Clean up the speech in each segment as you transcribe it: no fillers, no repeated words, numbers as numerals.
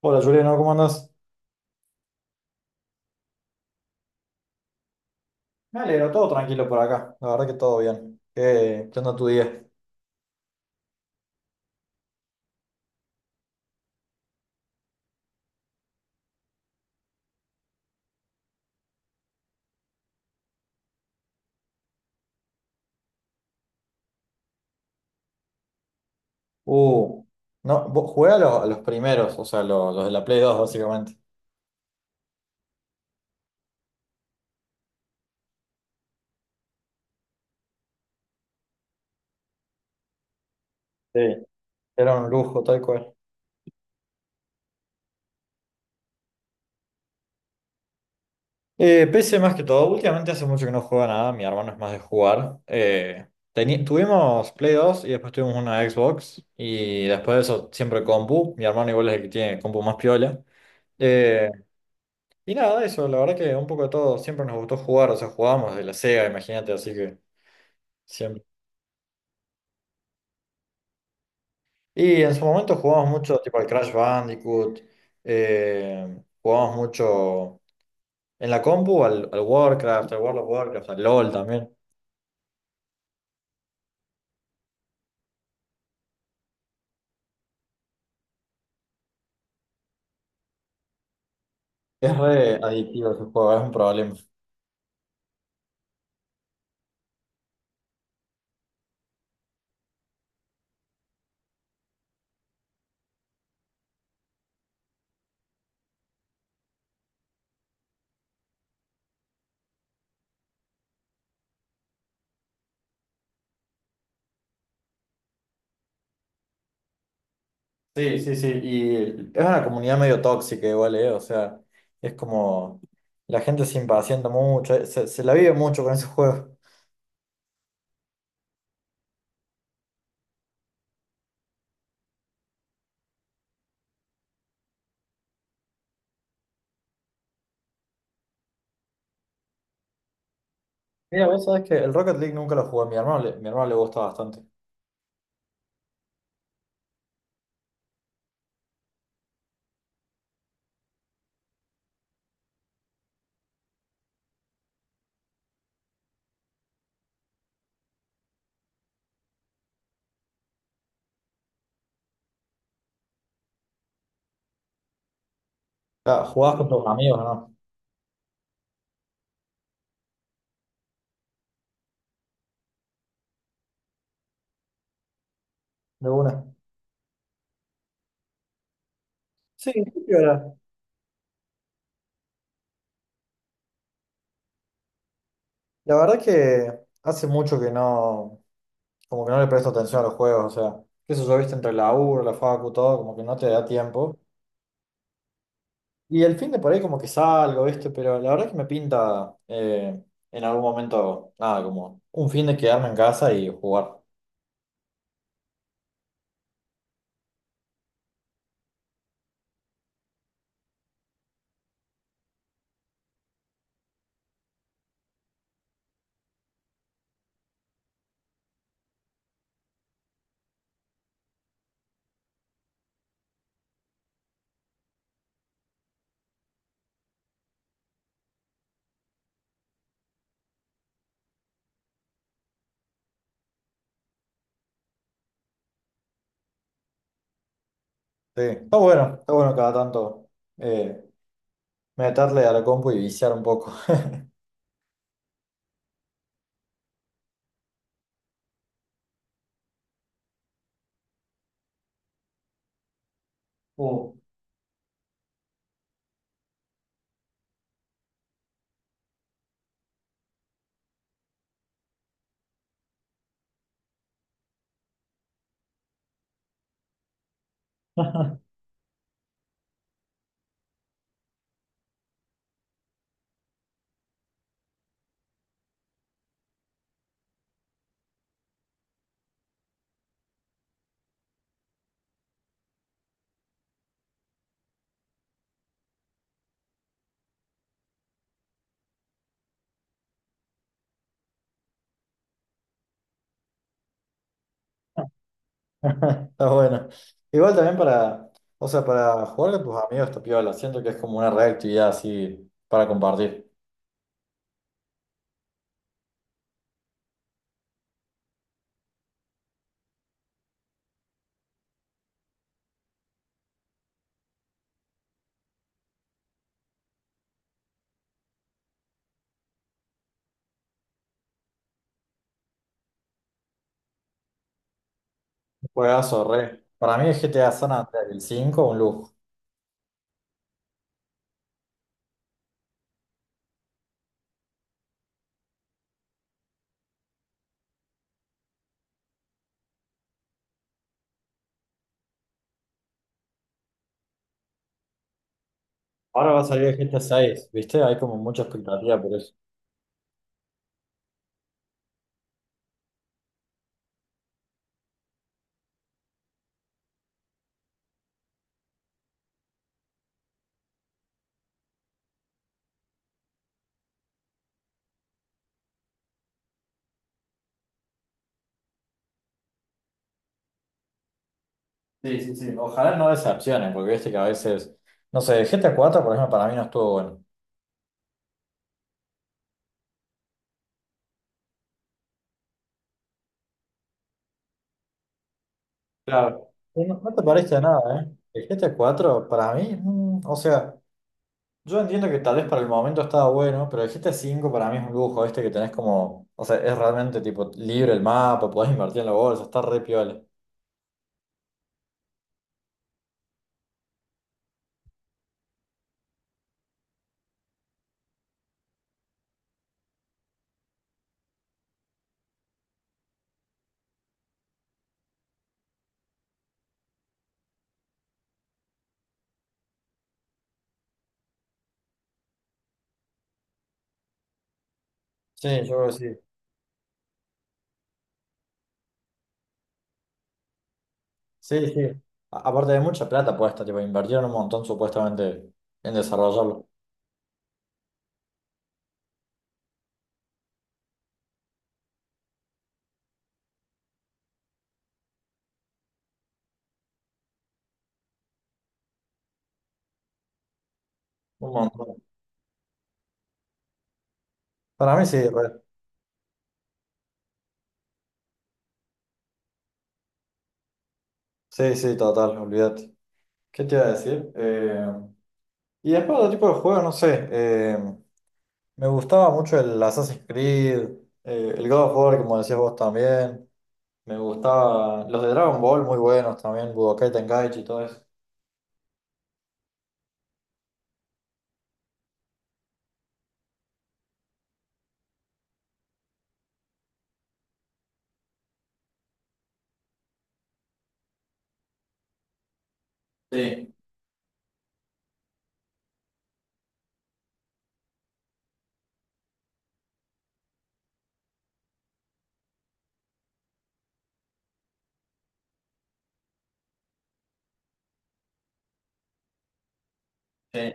Hola Juliano, ¿cómo andas? Me alegro, todo tranquilo por acá, la verdad que todo bien. ¿Qué onda tu día? Uh, no, vos jugué a los primeros, o sea, los, de la Play 2 básicamente. Sí. Era un lujo, tal cual. PC más que todo, últimamente hace mucho que no juega nada, mi hermano es más de jugar. Tuvimos Play 2 y después tuvimos una Xbox y después de eso siempre compu, mi hermano igual es el que tiene compu más piola. Eh, y nada, eso, la verdad que un poco de todo, siempre nos gustó jugar, o sea, jugábamos de la Sega, imagínate, así que... Siempre. Y en su momento jugamos mucho, tipo al Crash Bandicoot, jugamos mucho en la compu, al, al Warcraft, al World of Warcraft, al LOL también. Es re adictivo ese juego, es un problema. Sí, sí, sí, y es una comunidad medio tóxica igual, O sea, es como la gente se impacienta mucho, se, se la vive mucho con ese juego. Mira, vos sabés que el Rocket League nunca lo jugué, mi hermano le gusta bastante. Ah, ¿Jugabas con tus amigos, no? De una. Sí, sí, ahora. La verdad que hace mucho que no, como que no le presto atención a los juegos, o sea, qué sé yo, viste, entre la U, la facu, todo, como que no te da tiempo. Y el fin de por ahí como que salgo, viste, pero la verdad que me pinta en algún momento, nada, como un fin de quedarme en casa y jugar. Sí, está bueno cada tanto eh, meterle a la compu y viciar un poco. Uh. Está bueno. Igual también para, o sea, para jugar con tus amigos está piola. Siento que es como una reactividad así para compartir. Juegazo, re. Para mí el GTA San Andreas, el 5 un lujo. Ahora va a salir el GTA 6 ¿viste? Hay como mucha expectativa por eso. Sí, sí, sí. Ojalá no decepcionen, porque viste que a veces, no sé, el GTA 4 por ejemplo, para mí no estuvo bueno. Claro. No, no te parece nada, ¿eh? El GTA 4 para mí, mm, o sea. Yo entiendo que tal vez para el momento estaba bueno, pero el GTA V para mí es un lujo, este que tenés como, o sea, es realmente tipo libre el mapa, podés invertir en la bolsa, está re piola. Sí, yo creo que sí. Sí, sí. A- aparte de mucha plata puesta, tipo, invirtieron un montón supuestamente en desarrollarlo. Un montón. Para mí sí, re. Sí, sí, total, olvídate. ¿Qué te iba a decir? Y después otro tipo de juego, no sé, me gustaba mucho el Assassin's Creed, el God of War, como decías vos también. Me gustaban los de Dragon Ball, muy buenos también, Budokai Tenkaichi y todo eso. Sí, sí.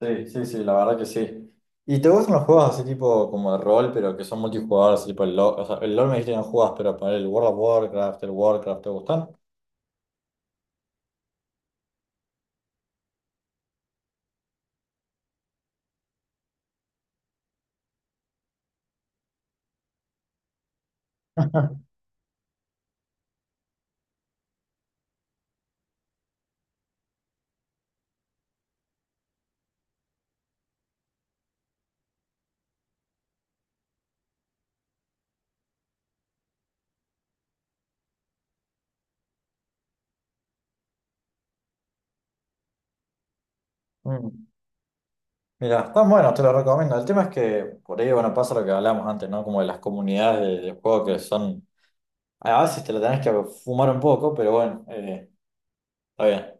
Sí, sí, sí, la verdad que sí. ¿Y te gustan los juegos así tipo como de rol, pero que son multijugadores, tipo el LoL? O sea, el LoL me dijiste que no jugás, pero para el World of Warcraft, el Warcraft, ¿te gustan? Mm. Mira, están buenos, te los recomiendo. El tema es que por ahí, bueno, pasa lo que hablamos antes, ¿no? Como de las comunidades de juego que son. A veces te lo tenés que fumar un poco, pero bueno, está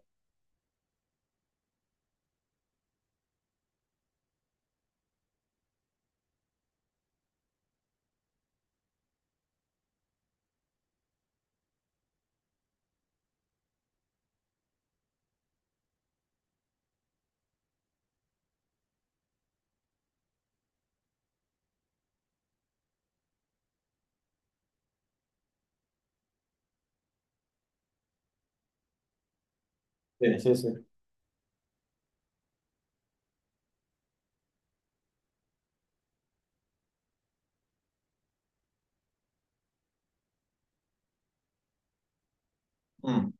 bien. Sí. Sí, sí. Mm.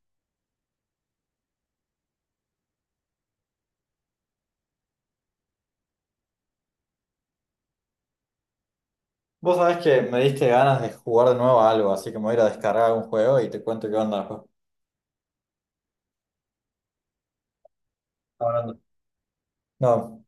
Vos sabés que me diste ganas de jugar de nuevo a algo, así que me voy a ir a descargar un juego y te cuento qué onda después. Hablando. No.